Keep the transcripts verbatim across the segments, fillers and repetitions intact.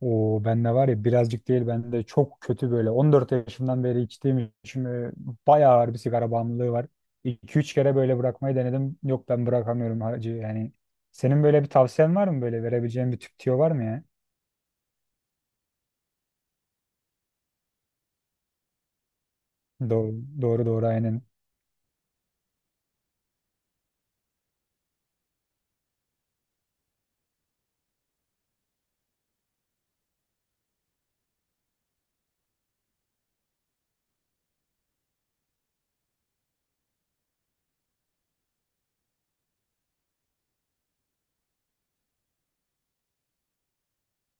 O bende var ya, birazcık değil, bende çok kötü böyle. On dört yaşımdan beri içtiğim için e, bayağı ağır bir sigara bağımlılığı var. iki üç kere böyle bırakmayı denedim. Yok, ben bırakamıyorum hacı yani. Senin böyle bir tavsiyen var mı, böyle verebileceğin bir tüp tüyo var mı ya? Doğru, doğru, doğru aynen.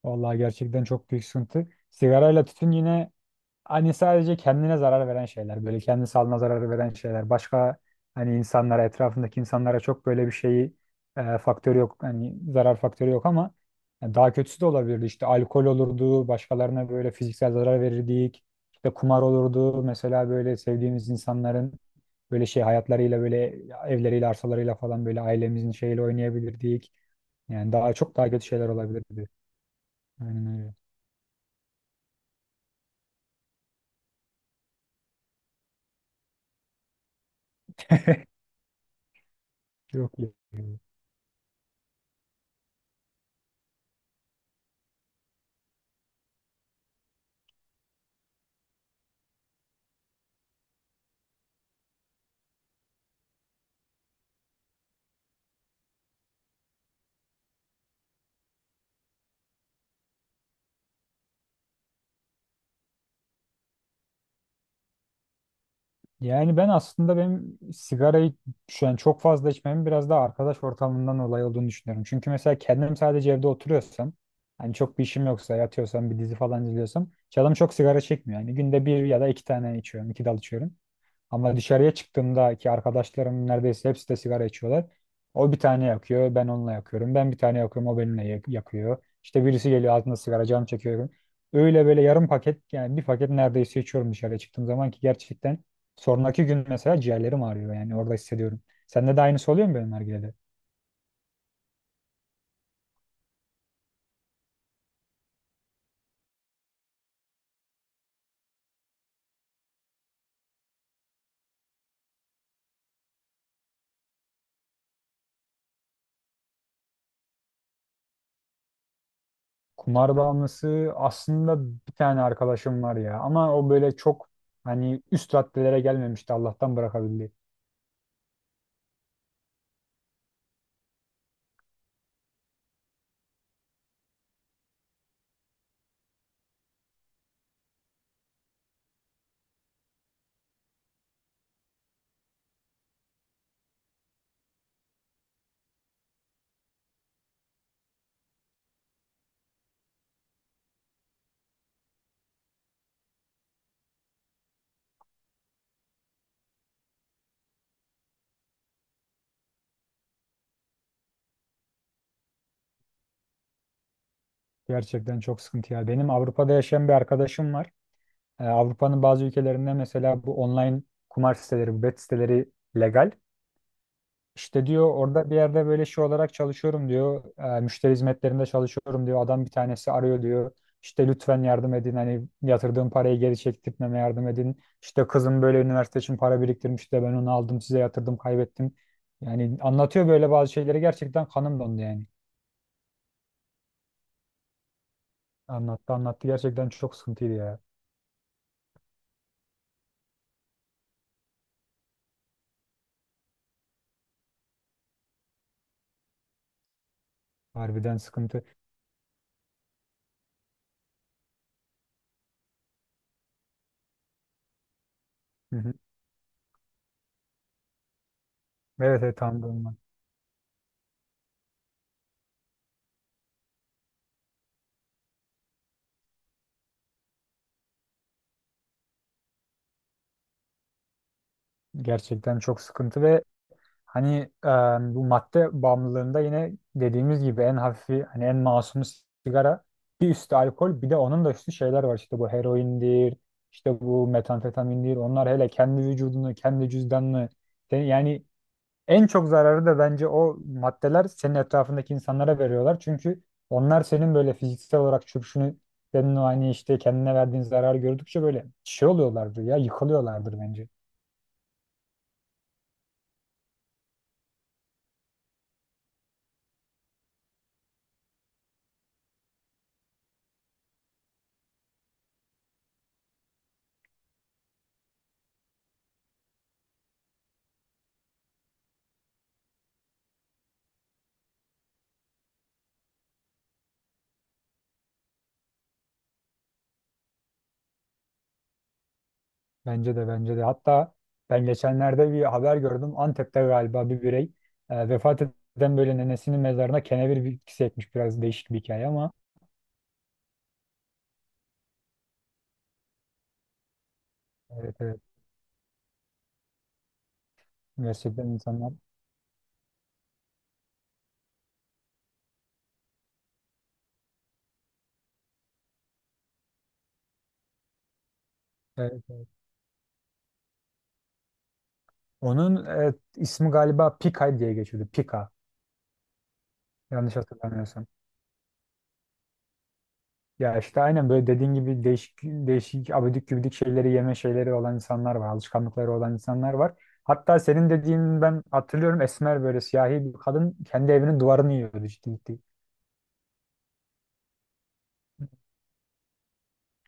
Vallahi gerçekten çok büyük sıkıntı. Sigarayla tütün yine, hani sadece kendine zarar veren şeyler, böyle kendi sağlığına zarar veren şeyler. Başka hani insanlara, etrafındaki insanlara çok böyle bir şeyi, e, faktörü yok. Hani zarar faktörü yok ama yani daha kötüsü de olabilirdi. İşte alkol olurdu, başkalarına böyle fiziksel zarar verirdik. İşte kumar olurdu. Mesela böyle sevdiğimiz insanların böyle şey hayatlarıyla böyle evleriyle, arsalarıyla falan böyle ailemizin şeyiyle oynayabilirdik. Yani daha çok daha kötü şeyler olabilirdi. Aynen öyle. Yok. yok. Yani ben aslında benim sigarayı şu an çok fazla içmemin biraz daha arkadaş ortamından dolayı olduğunu düşünüyorum. Çünkü mesela kendim sadece evde oturuyorsam, hani çok bir işim yoksa, yatıyorsam, bir dizi falan izliyorsam, canım çok sigara çekmiyor. Yani günde bir ya da iki tane içiyorum, iki dal içiyorum. Ama dışarıya çıktığımda ki arkadaşlarım neredeyse hepsi de sigara içiyorlar. O bir tane yakıyor, ben onunla yakıyorum. Ben bir tane yakıyorum, o benimle yak- yakıyor. İşte birisi geliyor altında sigara, canım çekiyor. Öyle böyle yarım paket, yani bir paket neredeyse içiyorum dışarıya çıktığım zaman ki gerçekten sonraki gün mesela ciğerlerim ağrıyor, yani orada hissediyorum. Sende de aynısı oluyor mu benim nargilede? Kumar bağımlısı aslında bir tane arkadaşım var ya, ama o böyle çok hani üst raddelere gelmemişti, Allah'tan bırakabildi. Gerçekten çok sıkıntı ya. Benim Avrupa'da yaşayan bir arkadaşım var. Ee, Avrupa'nın bazı ülkelerinde mesela bu online kumar siteleri, bu bet siteleri legal. İşte diyor, orada bir yerde böyle şey olarak çalışıyorum diyor. Ee, müşteri hizmetlerinde çalışıyorum diyor. Adam bir tanesi arıyor diyor. İşte lütfen yardım edin, hani yatırdığım parayı geri çektirtmeme yardım edin. İşte kızım böyle üniversite için para biriktirmiş de ben onu aldım, size yatırdım, kaybettim. Yani anlatıyor böyle bazı şeyleri, gerçekten kanım dondu yani. Anlattı anlattı, gerçekten çok sıkıntıydı ya. Harbiden sıkıntı. Hı hı. Evet, evet, anladım ben. Gerçekten çok sıkıntı ve hani e, bu madde bağımlılığında yine dediğimiz gibi en hafifi, hani en masumu sigara, bir üstü alkol, bir de onun da üstü şeyler var, işte bu heroindir, işte bu metamfetamindir. Onlar hele kendi vücudunu, kendi cüzdanını, sen- yani en çok zararı da bence o maddeler senin etrafındaki insanlara veriyorlar çünkü onlar senin böyle fiziksel olarak çöküşünü, senin o hani işte kendine verdiğin zararı gördükçe böyle şey oluyorlardır ya, yıkılıyorlardır bence. Bence de bence de. Hatta ben geçenlerde bir haber gördüm. Antep'te galiba bir birey e, vefat eden böyle nenesinin mezarına kenevir bitkisi ekmiş. Biraz değişik bir hikaye ama evet, evet. Gerçekten insanlar. Evet, evet. Onun e, ismi galiba Pika diye geçiyordu. Pika. Yanlış hatırlamıyorsam. Ya işte aynen böyle dediğin gibi değişik değişik abidik gübidik şeyleri yeme şeyleri olan insanlar var. Alışkanlıkları olan insanlar var. Hatta senin dediğin ben hatırlıyorum, esmer böyle siyahi bir kadın kendi evinin duvarını yiyordu ciddi ciddi.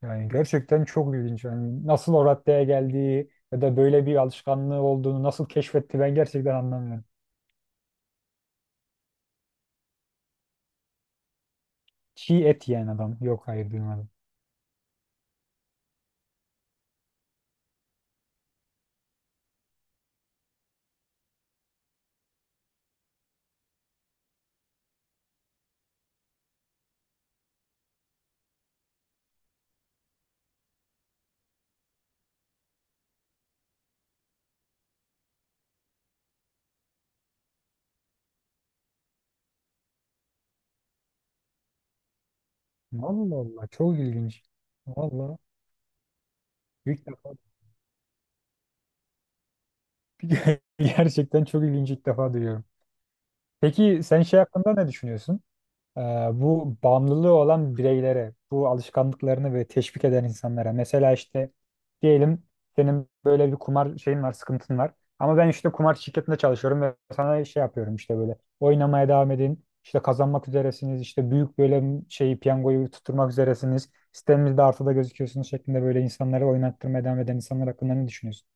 Yani gerçekten çok ilginç. Yani nasıl o raddeye geldiği ya da böyle bir alışkanlığı olduğunu nasıl keşfetti, ben gerçekten anlamıyorum. Çiğ et yiyen adam. Yok, hayır, duymadım. Allah Allah, çok ilginç. Vallahi ilk defa gerçekten çok ilginç, ilk defa duyuyorum. Peki sen şey hakkında ne düşünüyorsun? Ee, bu bağımlılığı olan bireylere, bu alışkanlıklarını ve teşvik eden insanlara. Mesela işte, diyelim senin böyle bir kumar şeyin var, sıkıntın var. Ama ben işte kumar şirketinde çalışıyorum ve sana şey yapıyorum, işte böyle oynamaya devam edin. İşte kazanmak üzeresiniz, işte büyük böyle şeyi, piyangoyu tutturmak üzeresiniz. Sitemizde artıda gözüküyorsunuz şeklinde böyle insanları oynattırmaya devam eden insanlar hakkında ne düşünüyorsun?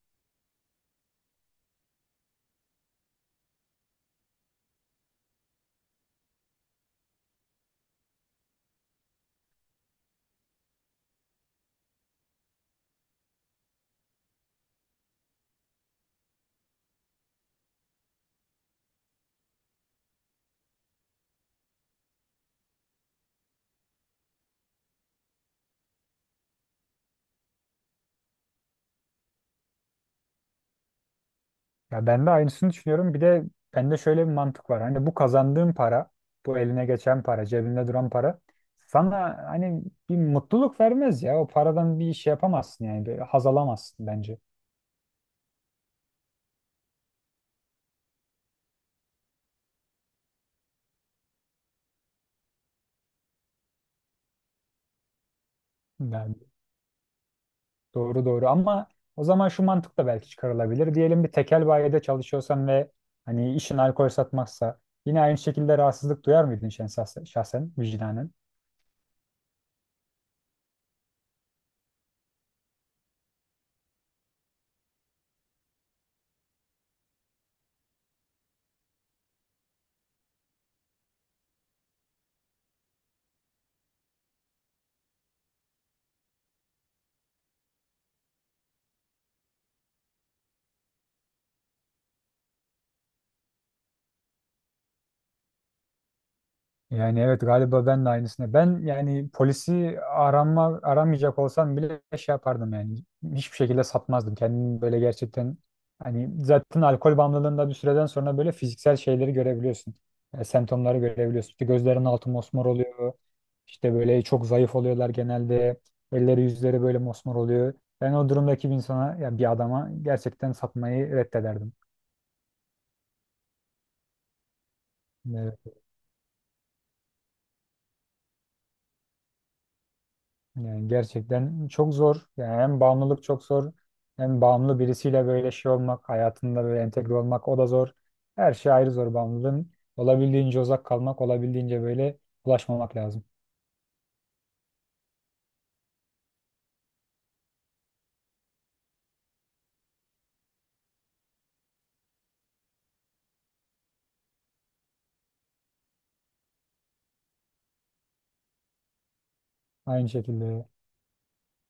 Ya ben de aynısını düşünüyorum. Bir de bende şöyle bir mantık var. Hani bu kazandığın para, bu eline geçen para, cebinde duran para sana hani bir mutluluk vermez ya. O paradan bir iş yapamazsın yani. Bir haz alamazsın bence. Yani doğru, doğru, ama o zaman şu mantık da belki çıkarılabilir. Diyelim bir tekel bayide çalışıyorsan ve hani işin alkol satmaksa, yine aynı şekilde rahatsızlık duyar mıydın şen- şahsen, şahsen vicdanen? Yani evet, galiba ben de aynısını. Ben yani polisi aranma, aramayacak olsam bile şey yapardım yani. Hiçbir şekilde satmazdım. Kendimi böyle gerçekten, hani zaten alkol bağımlılığında bir süreden sonra böyle fiziksel şeyleri görebiliyorsun. E, semptomları görebiliyorsun. İşte gözlerin altı mosmor oluyor. İşte böyle çok zayıf oluyorlar genelde. Elleri yüzleri böyle mosmor oluyor. Ben o durumdaki bir insana, ya bir adama, gerçekten satmayı reddederdim. Yani gerçekten çok zor. Yani hem bağımlılık çok zor. Hem bağımlı birisiyle böyle şey olmak, hayatında böyle entegre olmak, o da zor. Her şey ayrı zor bağımlılığın. Olabildiğince uzak kalmak, olabildiğince böyle ulaşmamak lazım. Aynı şekilde.